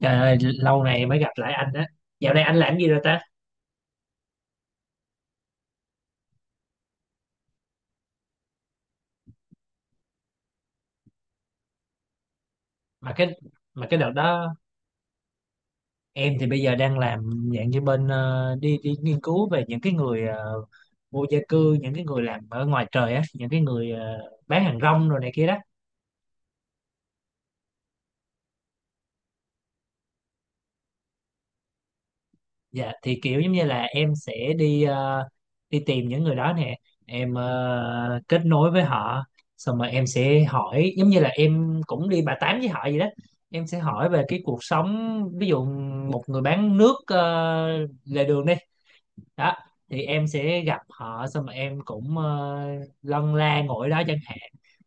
Trời ơi, lâu này mới gặp lại anh á. Dạo này anh làm gì rồi ta? Mà cái mà cái đợt đó em thì bây giờ đang làm dạng như bên đi đi nghiên cứu về những cái người vô gia cư, những cái người làm ở ngoài trời á, những cái người bán hàng rong rồi này kia đó. Dạ thì kiểu giống như là em sẽ đi ờ, đi tìm những người đó nè, em kết nối với họ, xong rồi em sẽ hỏi giống như là em cũng đi bà tám với họ vậy đó. Em sẽ hỏi về cái cuộc sống, ví dụ một người bán nước lề đường đi đó thì em sẽ gặp họ, xong rồi em cũng lân la ngồi đó chẳng hạn,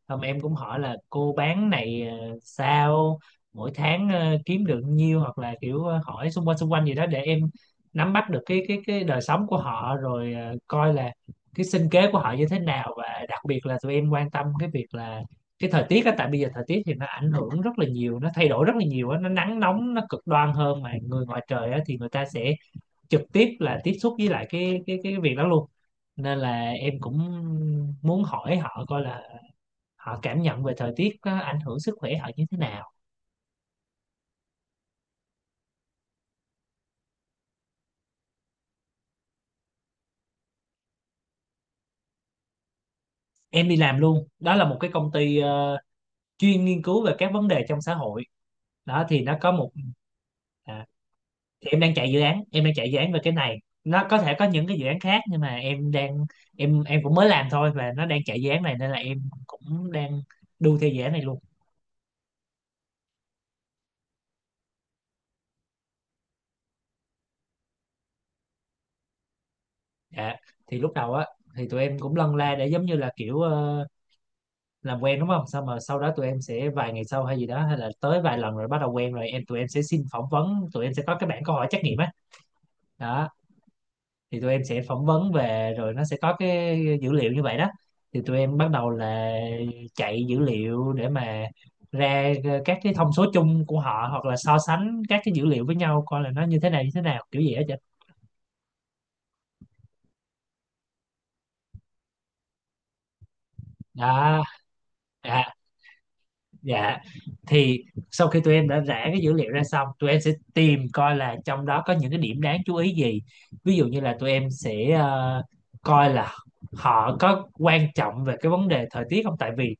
xong em cũng hỏi là cô bán này sao mỗi tháng kiếm được nhiêu, hoặc là kiểu hỏi xung quanh gì đó để em nắm bắt được cái đời sống của họ, rồi coi là cái sinh kế của họ như thế nào. Và đặc biệt là tụi em quan tâm cái việc là cái thời tiết á, tại bây giờ thời tiết thì nó ảnh hưởng rất là nhiều, nó thay đổi rất là nhiều á, nó nắng nóng, nó cực đoan hơn. Mà người ngoài trời á thì người ta sẽ trực tiếp là tiếp xúc với lại cái việc đó luôn, nên là em cũng muốn hỏi họ coi là họ cảm nhận về thời tiết có ảnh hưởng sức khỏe họ như thế nào. Em đi làm luôn, đó là một cái công ty chuyên nghiên cứu về các vấn đề trong xã hội. Đó thì nó có một à, thì em đang chạy dự án, em đang chạy dự án về cái này. Nó có thể có những cái dự án khác, nhưng mà em đang em cũng mới làm thôi, và nó đang chạy dự án này nên là em cũng đang đu theo dự án này luôn. Dạ, thì lúc đầu á thì tụi em cũng lân la để giống như là kiểu làm quen, đúng không? Xong mà sau đó tụi em sẽ vài ngày sau hay gì đó, hay là tới vài lần rồi bắt đầu quen, rồi tụi em sẽ xin phỏng vấn, tụi em sẽ có cái bảng câu hỏi trắc nghiệm á. Đó, thì tụi em sẽ phỏng vấn về, rồi nó sẽ có cái dữ liệu như vậy đó. Thì tụi em bắt đầu là chạy dữ liệu để mà ra các cái thông số chung của họ, hoặc là so sánh các cái dữ liệu với nhau coi là nó như thế nào như thế nào, kiểu gì hết vậy. Đó, dạ. Dạ, thì sau khi tụi em đã rã cái dữ liệu ra xong, tụi em sẽ tìm coi là trong đó có những cái điểm đáng chú ý gì. Ví dụ như là tụi em sẽ coi là họ có quan trọng về cái vấn đề thời tiết không. Tại vì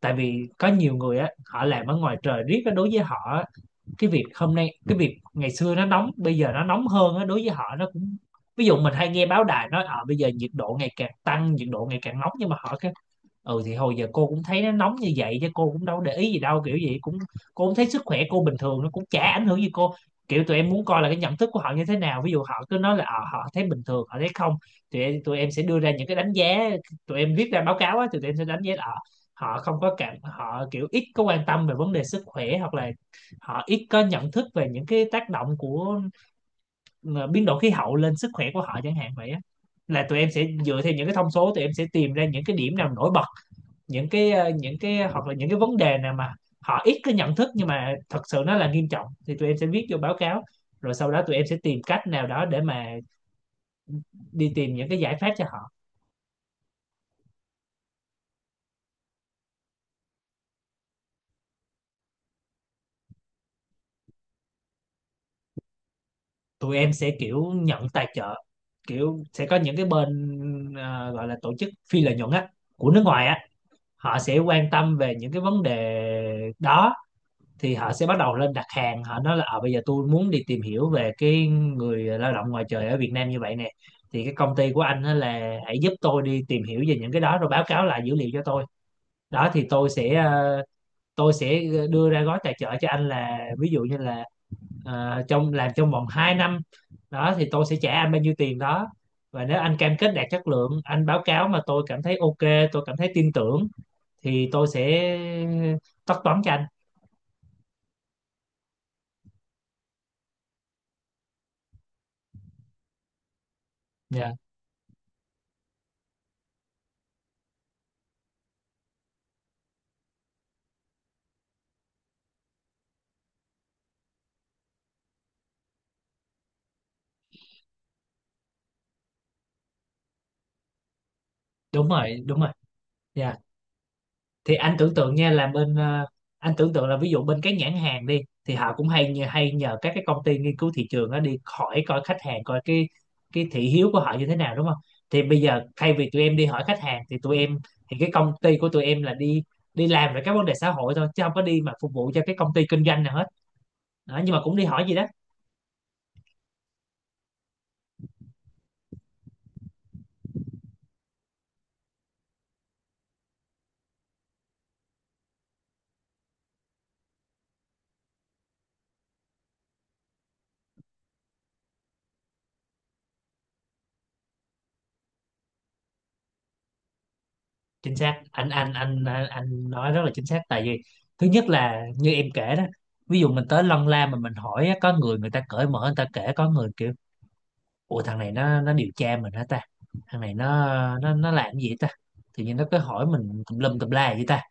tại vì có nhiều người á, họ làm ở ngoài trời riết á, đối với họ á, cái việc hôm nay, cái việc ngày xưa nó nóng, bây giờ nó nóng hơn á, đối với họ nó cũng, ví dụ mình hay nghe báo đài nói bây giờ nhiệt độ ngày càng tăng, nhiệt độ ngày càng nóng, nhưng mà họ, ừ thì hồi giờ cô cũng thấy nó nóng như vậy chứ, cô cũng đâu để ý gì đâu, kiểu gì cũng, cô cũng thấy sức khỏe cô bình thường, nó cũng chả ảnh hưởng gì cô. Kiểu tụi em muốn coi là cái nhận thức của họ như thế nào, ví dụ họ cứ nói là họ thấy bình thường, họ thấy không, tụi em sẽ đưa ra những cái đánh giá, tụi em viết ra báo cáo á, tụi em sẽ đánh giá là họ không có cảm, họ kiểu ít có quan tâm về vấn đề sức khỏe, hoặc là họ ít có nhận thức về những cái tác động của ờ, biến đổi khí hậu lên sức khỏe của họ chẳng hạn vậy á. Là tụi em sẽ dựa theo những cái thông số, tụi em sẽ tìm ra những cái điểm nào nổi bật, những cái ờ, những cái hoặc là những cái vấn đề nào mà họ ít có nhận thức nhưng mà thật sự nó là nghiêm trọng, thì tụi em sẽ viết vô báo cáo, rồi sau đó tụi em sẽ tìm cách nào đó để mà đi tìm những cái giải pháp cho họ. Tụi em sẽ kiểu nhận tài trợ, kiểu sẽ có những cái bên gọi là tổ chức phi lợi nhuận á, của nước ngoài á. Họ sẽ quan tâm về những cái vấn đề đó, thì họ sẽ bắt đầu lên đặt hàng, họ nói là bây giờ tôi muốn đi tìm hiểu về cái người lao động ngoài trời ở Việt Nam như vậy nè, thì cái công ty của anh á là hãy giúp tôi đi tìm hiểu về những cái đó, rồi báo cáo lại dữ liệu cho tôi. Đó thì tôi sẽ đưa ra gói tài trợ cho anh, là ví dụ như là làm trong vòng 2 năm đó thì tôi sẽ trả anh bao nhiêu tiền đó, và nếu anh cam kết đạt chất lượng, anh báo cáo mà tôi cảm thấy ok, tôi cảm thấy tin tưởng thì tôi sẽ ờ, tất toán cho anh. Dạ đúng rồi, đúng rồi. Dạ, thì anh tưởng tượng nha, là bên anh tưởng tượng là ví dụ bên các nhãn hàng đi, thì họ cũng hay nhờ các cái công ty nghiên cứu thị trường đó đi hỏi coi khách hàng, coi cái thị hiếu của họ như thế nào, đúng không. Thì bây giờ thay vì tụi em đi hỏi khách hàng thì tụi em, thì cái công ty của tụi em là đi đi làm về các vấn đề xã hội thôi, chứ không có đi mà phục vụ cho cái công ty kinh doanh nào hết. Đó, nhưng mà cũng đi hỏi gì đó. Chính xác anh nói rất là chính xác. Tại vì thứ nhất là như em kể đó, ví dụ mình tới lân la mà mình hỏi á, có người người ta cởi mở người ta kể, có người kiểu, ủa thằng này nó điều tra mình hả ta, thằng này nó làm cái gì ta, tự nhiên nó cứ hỏi mình tùm lum tùm la vậy ta.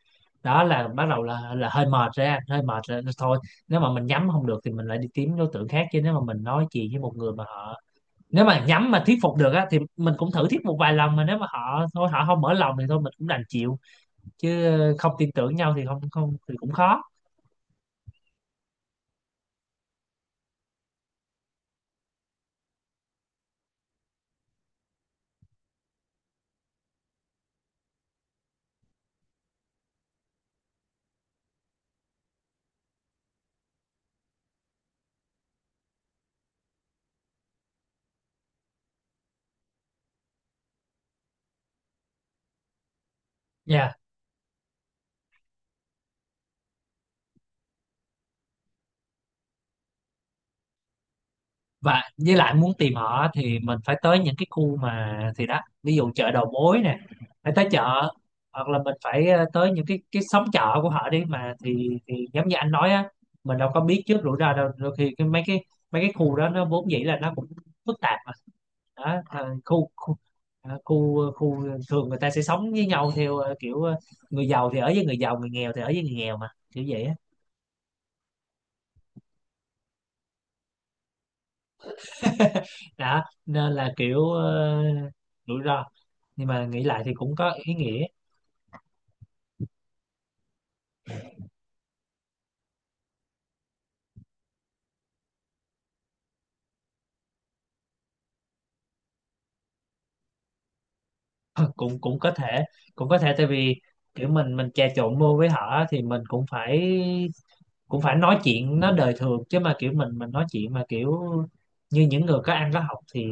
Đó là bắt đầu là hơi mệt ra, hơi mệt rồi thôi. Nếu mà mình nhắm không được thì mình lại đi kiếm đối tượng khác, chứ nếu mà mình nói chuyện với một người mà họ, nếu mà nhắm mà thuyết phục được á thì mình cũng thử thuyết một vài lần, mà nếu mà họ thôi họ không mở lòng thì thôi mình cũng đành chịu, chứ không tin tưởng nhau thì không, không thì cũng khó. Dạ, và với lại muốn tìm họ thì mình phải tới những cái khu mà, thì đó, ví dụ chợ đầu mối nè, phải tới chợ, hoặc là mình phải tới những cái xóm chợ của họ đi. Mà thì giống như anh nói á, mình đâu có biết trước rủi ro đâu. Đôi khi cái mấy cái mấy cái khu đó nó vốn dĩ là nó cũng phức tạp mà. Đó à, khu khu thường người ta sẽ sống với nhau theo kiểu người giàu thì ở với người giàu, người nghèo thì ở với người nghèo mà, kiểu vậy á. Đó nên là kiểu rủi ro, nhưng mà nghĩ lại thì cũng có ý nghĩa. cũng cũng có thể cũng có thể, tại vì kiểu mình trà trộn vô với họ á, thì mình cũng phải nói chuyện nó đời thường, chứ mà kiểu mình nói chuyện mà kiểu như những người có ăn có học thì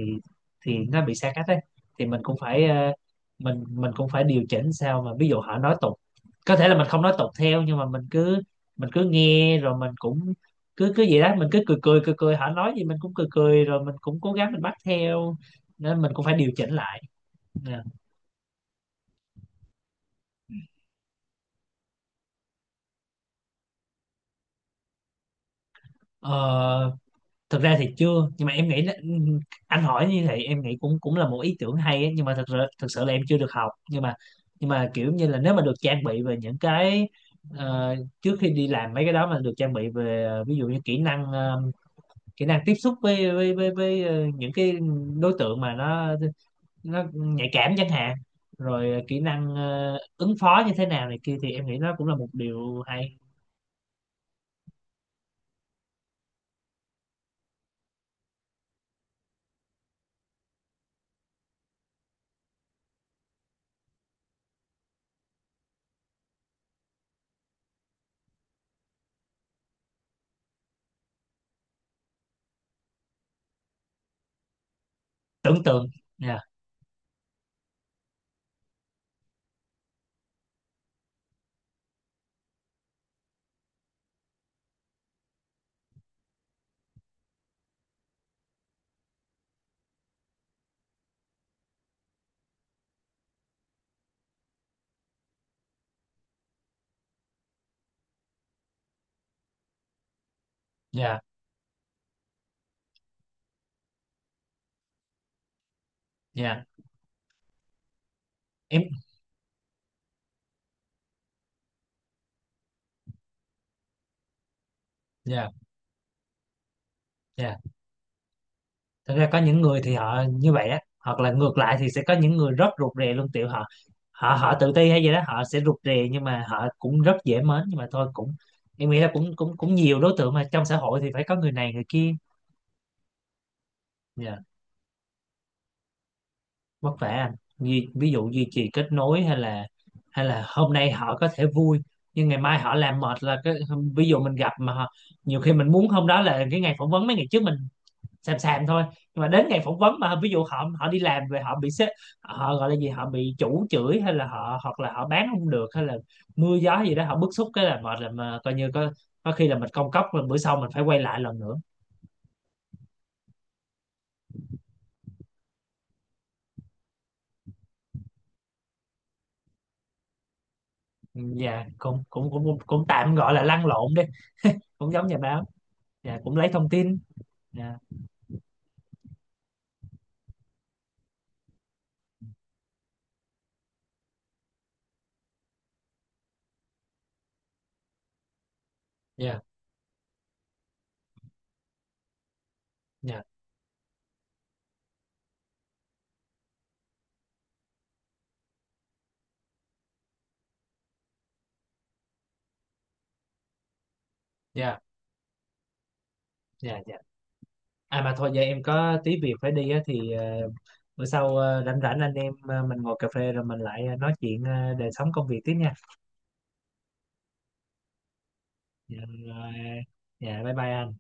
nó bị xa cách ấy. Thì mình cũng phải điều chỉnh sao, mà ví dụ họ nói tục có thể là mình không nói tục theo, nhưng mà mình cứ nghe, rồi mình cũng cứ cứ vậy đó. Mình cứ cười cười cười cười, họ nói gì mình cũng cười cười, rồi mình cũng cố gắng mình bắt theo, nên mình cũng phải điều chỉnh lại. Nè. Ờ, Thực ra thì chưa, nhưng mà em nghĩ là, ừ, anh hỏi như vậy em nghĩ cũng cũng là một ý tưởng hay ấy, nhưng mà thật sự là em chưa được học, nhưng mà kiểu như là nếu mà được trang bị về những cái ờ, trước khi đi làm mấy cái đó mà được trang bị về ví dụ như kỹ năng kỹ năng tiếp xúc với những cái đối tượng mà nó nhạy cảm chẳng hạn, rồi kỹ năng ứng phó như thế nào này kia, thì em nghĩ nó cũng là một điều hay. Tưởng tượng. Dạ, dạ, dạ em, dạ, dạ. Thực ra có những người thì họ như vậy á, hoặc là ngược lại thì sẽ có những người rất rụt rè luôn, tiểu họ, họ tự ti hay gì đó họ sẽ rụt rè, nhưng mà họ cũng rất dễ mến, nhưng mà thôi cũng em nghĩ là cũng cũng cũng nhiều đối tượng mà trong xã hội thì phải có người này người kia. Yeah. Vất vả anh, ví dụ duy trì kết nối, hay là hôm nay họ có thể vui, nhưng ngày mai họ làm mệt là cái, ví dụ mình gặp mà họ, nhiều khi mình muốn hôm đó là cái ngày phỏng vấn, mấy ngày trước mình xàm xàm thôi, nhưng mà đến ngày phỏng vấn mà ví dụ họ họ đi làm về họ bị sếp, họ gọi là gì, họ bị chủ chửi, hay là họ, hoặc là họ bán không được, hay là mưa gió gì đó họ bức xúc cái là mệt, là mà coi như có khi là mình công cốc rồi, bữa sau mình phải quay lại lần nữa. Ừ, dạ cũng cũng cũng cũng tạm gọi là lăn lộn đi, cũng giống nhà báo. Dạ cũng lấy thông tin. Dạ, dạ, dạ, dạ, dạ, dạ. À mà thôi giờ em có tí việc phải đi á, thì bữa sau rảnh rảnh anh em mình ngồi cà phê rồi mình lại nói chuyện đời sống công việc tiếp nha. Dạ rồi. Dạ bye bye anh.